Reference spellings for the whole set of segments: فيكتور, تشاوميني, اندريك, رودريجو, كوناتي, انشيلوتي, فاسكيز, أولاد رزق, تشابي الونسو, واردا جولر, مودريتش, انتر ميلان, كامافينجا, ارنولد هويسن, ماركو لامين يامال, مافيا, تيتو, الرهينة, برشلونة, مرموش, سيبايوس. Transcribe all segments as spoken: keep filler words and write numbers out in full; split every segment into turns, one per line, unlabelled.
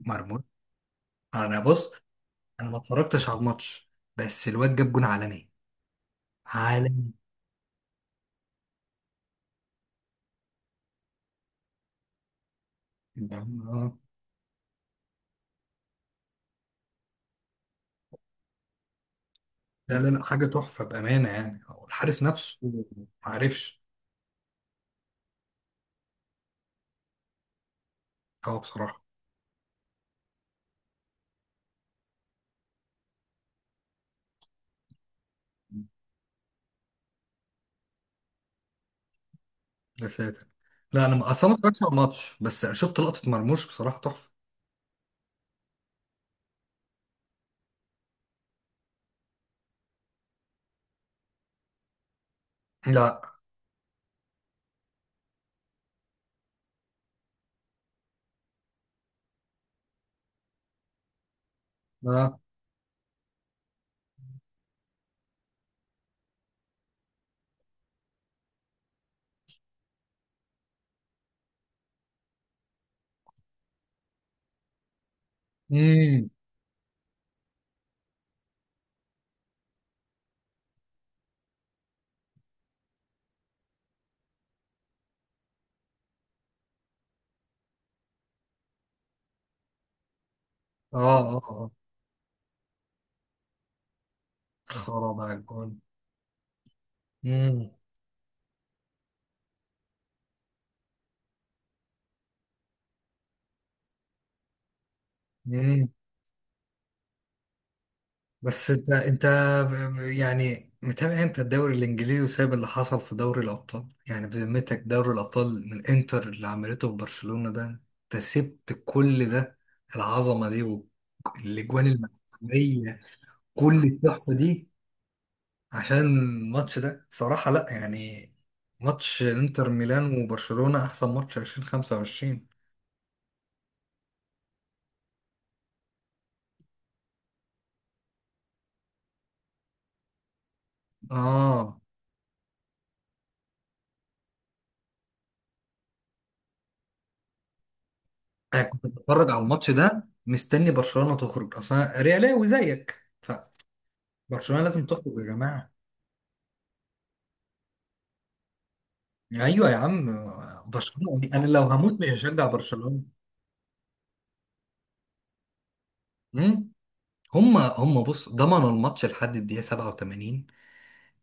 مرموش. انا بص، انا ما اتفرجتش على الماتش بس الواد جاب جون عالمي، عالمي. آه. لا لا لا، حاجه تحفه بامانه، يعني هو الحارس نفسه ما عرفش. هو بصراحه، يا ساتر. لا انا ما- اصلا ما اتفرجتش على الماتش بس شفت لقطه مرموش بصراحه تحفه. لا لا. امم. اه اه اه. خراب على الجون. امم. بس انت انت يعني متابع انت الدوري الانجليزي وسايب اللي حصل في دوري الابطال؟ يعني بذمتك، دوري الابطال، من انتر اللي عملته في برشلونة ده انت سبت كل ده؟ العظمة دي والاجوان، الملعبية، كل التحفة دي، عشان الماتش ده؟ بصراحة لا. يعني ماتش انتر ميلان وبرشلونة احسن ماتش ألفين وخمسة وعشرين. اه. انا كنت بتفرج على الماتش ده مستني برشلونة تخرج اصلا، ريالاوي زيك. برشلونة لازم تخرج يا جماعة. ايوه يا عم. برشلونة انا لو هموت مش هشجع برشلونة. امم. هم هم بص، ضمنوا الماتش لحد الدقيقة سبعة وثمانين،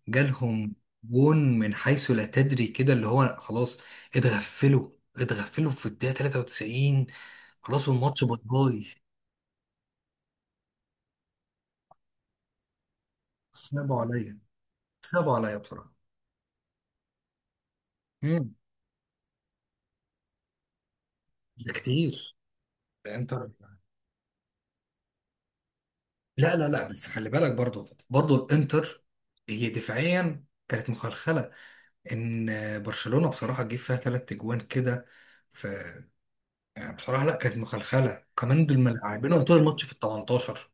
جالهم جون من حيث لا تدري كده، اللي هو خلاص اتغفلوا، اتغفلوا في الدقيقة تلاته وتسعين، خلاص والماتش باي باي. صعبوا عليا، صعبوا عليا بصراحة. امم. ده كتير الانتر. لا لا لا، بس خلي بالك برضو برضو الانتر هي دفاعيا كانت مخلخلة. ان برشلونة بصراحة جه فيها ثلاث اجوان كده، ف يعني بصراحة لا، كانت مخلخلة كمان دول، ملاعبينهم طول الماتش في ال تمنتاشر.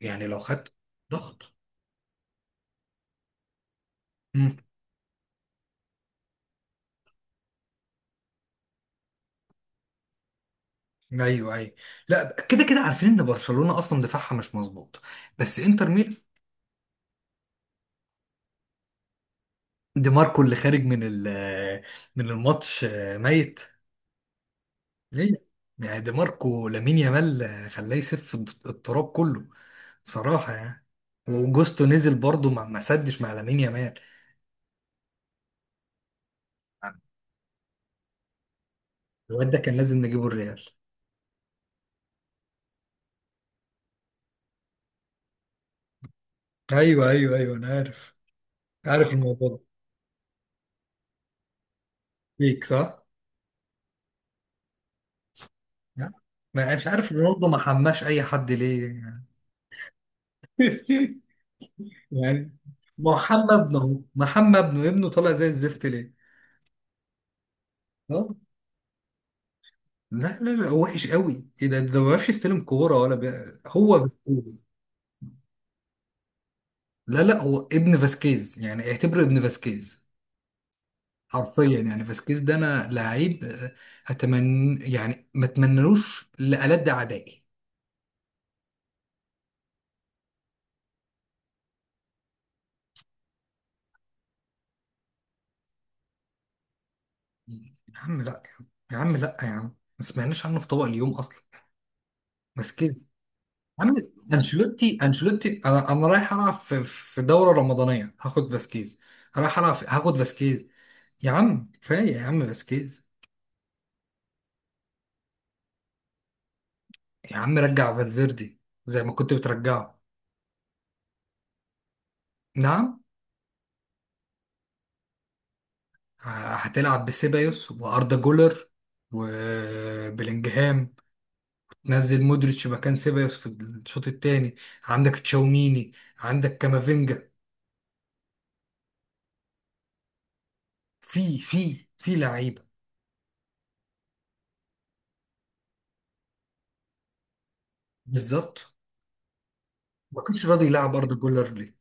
يعني لو خدت ضغط. امم. ايوه ايوه. لا كده كده عارفين ان برشلونة اصلا دفاعها مش مظبوط، بس انتر ميلان، دي ماركو اللي خارج من ال من الماتش، آه، ميت ليه؟ يعني دي ماركو لامين يامال آه، خلاه يسف الت- التراب كله بصراحة يعني. وجوستو نزل برضه، ما ما سدش مع لامين يامال. الواد ده كان لازم نجيبه الريال. ايوه ايوه ايوه انا عارف، عارف الموضوع ده. ليك صح؟ لا، ما مش عارف رونالدو ما حماش اي حد ليه يعني. يعني محمد ابنه أهو. محمد ابنه، ابنه طالع زي الزفت ليه؟ اه. لا لا لا، هو وحش قوي، ايه ده، ده ما بيعرفش يستلم كوره ولا بي... هو فاسكيز. لا لا، هو ابن فاسكيز، يعني اعتبره ابن فاسكيز. حرفيا يعني. فاسكيز ده انا لعيب آه، اتمنى يعني ما اتمنلوش لألد اعدائي. يا عم لا، يا عم لا، يا عم ما سمعناش عنه في طبق اليوم اصلا، مسكين. يا عم انشيلوتي، انشيلوتي، انا انا رايح العب في في دوره رمضانيه هاخد فاسكيز، رايح العب في هاخد فاسكيز. يا عم كفايه يا عم فاسكيز. يا عم رجع فالفيردي زي ما كنت بترجعه. نعم. ه- هتلعب بسيبايوس واردا جولر وبلينجهام، نزل مودريتش مكان سيبايوس في الشوط الثاني، عندك تشاوميني، عندك كامافينجا، في في في لعيبه. بالظبط. ما كانش راضي يلعب ارض جولر ليه؟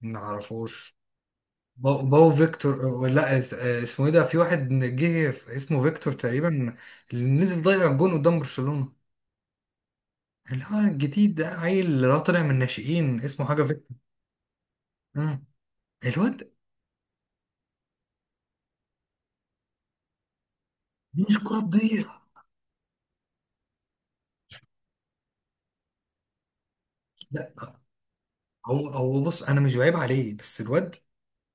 ما اعرفوش. باو, باو فيكتور. آه، لا اس- آه، اسمه ايه ده، في واحد جه في- اسمه فيكتور تقريبا، اللي نزل ضيع الجون قدام برشلونه، اللي هو الجديد ده، عيل اللي هو طالع من الناشئين، اسمه حاجه فيكتور. مم. الواد، دي مش كره تضيع. لا هو هو بص، انا مش بعيب عليه بس الواد،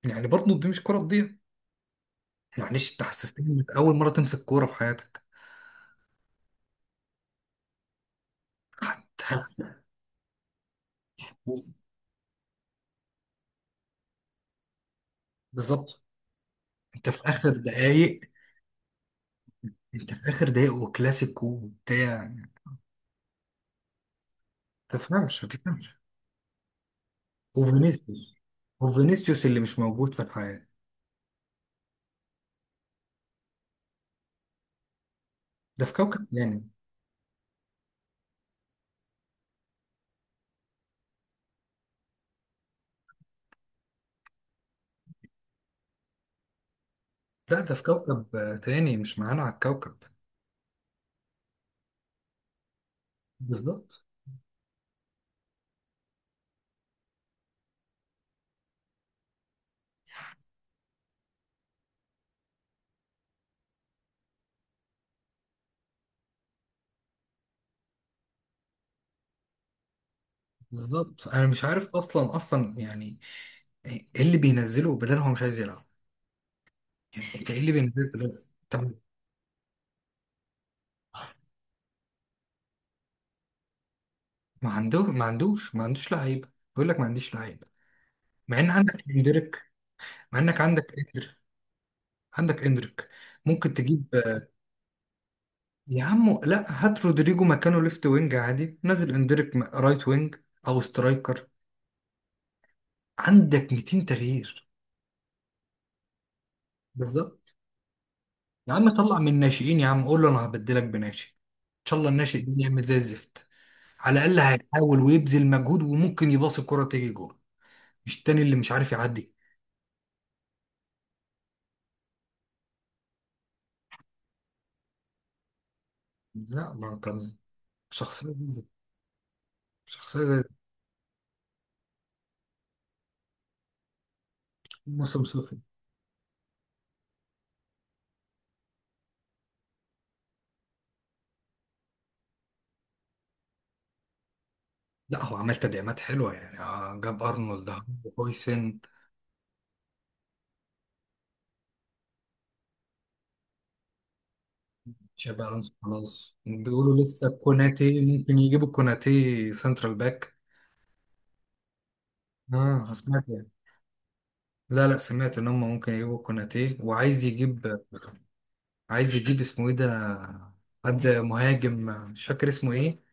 يعني برضه دي مش كره تضيع، معلش انت حسستني انك اول مره تمسك كوره في حياتك حتى. بالظبط. انت في اخر دقايق، انت في اخر دقايق وكلاسيكو وبتاع، ما تفهمش ما تفهمش وفينيسيوس، وفينيسيوس اللي مش موجود في الحياة، ده في كوكب تاني. لا ده في كوكب آه، تاني، مش معانا على الكوكب. بالظبط. بالظبط انا مش عارف، اصلا اصلا يعني، ايه اللي بينزله بدل؟ هو مش عايز يلعب. يعني انت ايه اللي بينزله بدل؟ طب. ما عنده، ما عندوش ما عندوش لعيبه، بيقول لك ما عنديش لعيبه مع ان عندك اندريك، مع انك عندك اندريك، عندك اندريك. ممكن تجيب. يا عم لا، هات رودريجو مكانه ليفت وينج عادي، نزل اندريك م- رايت وينج او سترايكر. عندك 200 تغيير. بالظبط. يا عم طلع من الناشئين، يا عم قول له انا هبدلك بناشئ، ان شاء الله الناشئ ده يعمل زي الزفت، على الاقل هيحاول ويبذل مجهود وممكن يباص الكرة تيجي جول، مش التاني اللي مش عارف يعدي. لا ما كان شخصية زي الزفت. شخصية زي الزفت. موسم صفر. لا هو عمل تدعيمات حلوة، يعني آه، جاب ارنولد، هويسن. تشابي الونسو خلاص، بيقولوا لسه كوناتي ممكن يجيبوا كوناتي سنترال باك. اه سمعت يعني، لا لا سمعت ان هم ممكن يجيبوا كوناتي، وعايز يجيب، عايز يجيب اسمه ايه ده، حد مهاجم، مش فاكر اسمه ايه،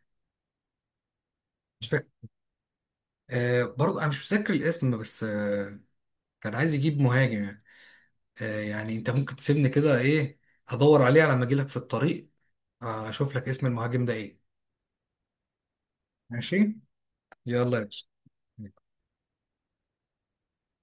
مش فاكر. آه برضه انا مش متذكر الاسم بس آه، كان عايز يجيب مهاجم يعني. آه يعني انت ممكن تسيبني كده ايه، ادور عليه على ما اجي لك في الطريق، آه، اشوف لك اسم المهاجم ده ايه. ماشي. يلا يا باشا.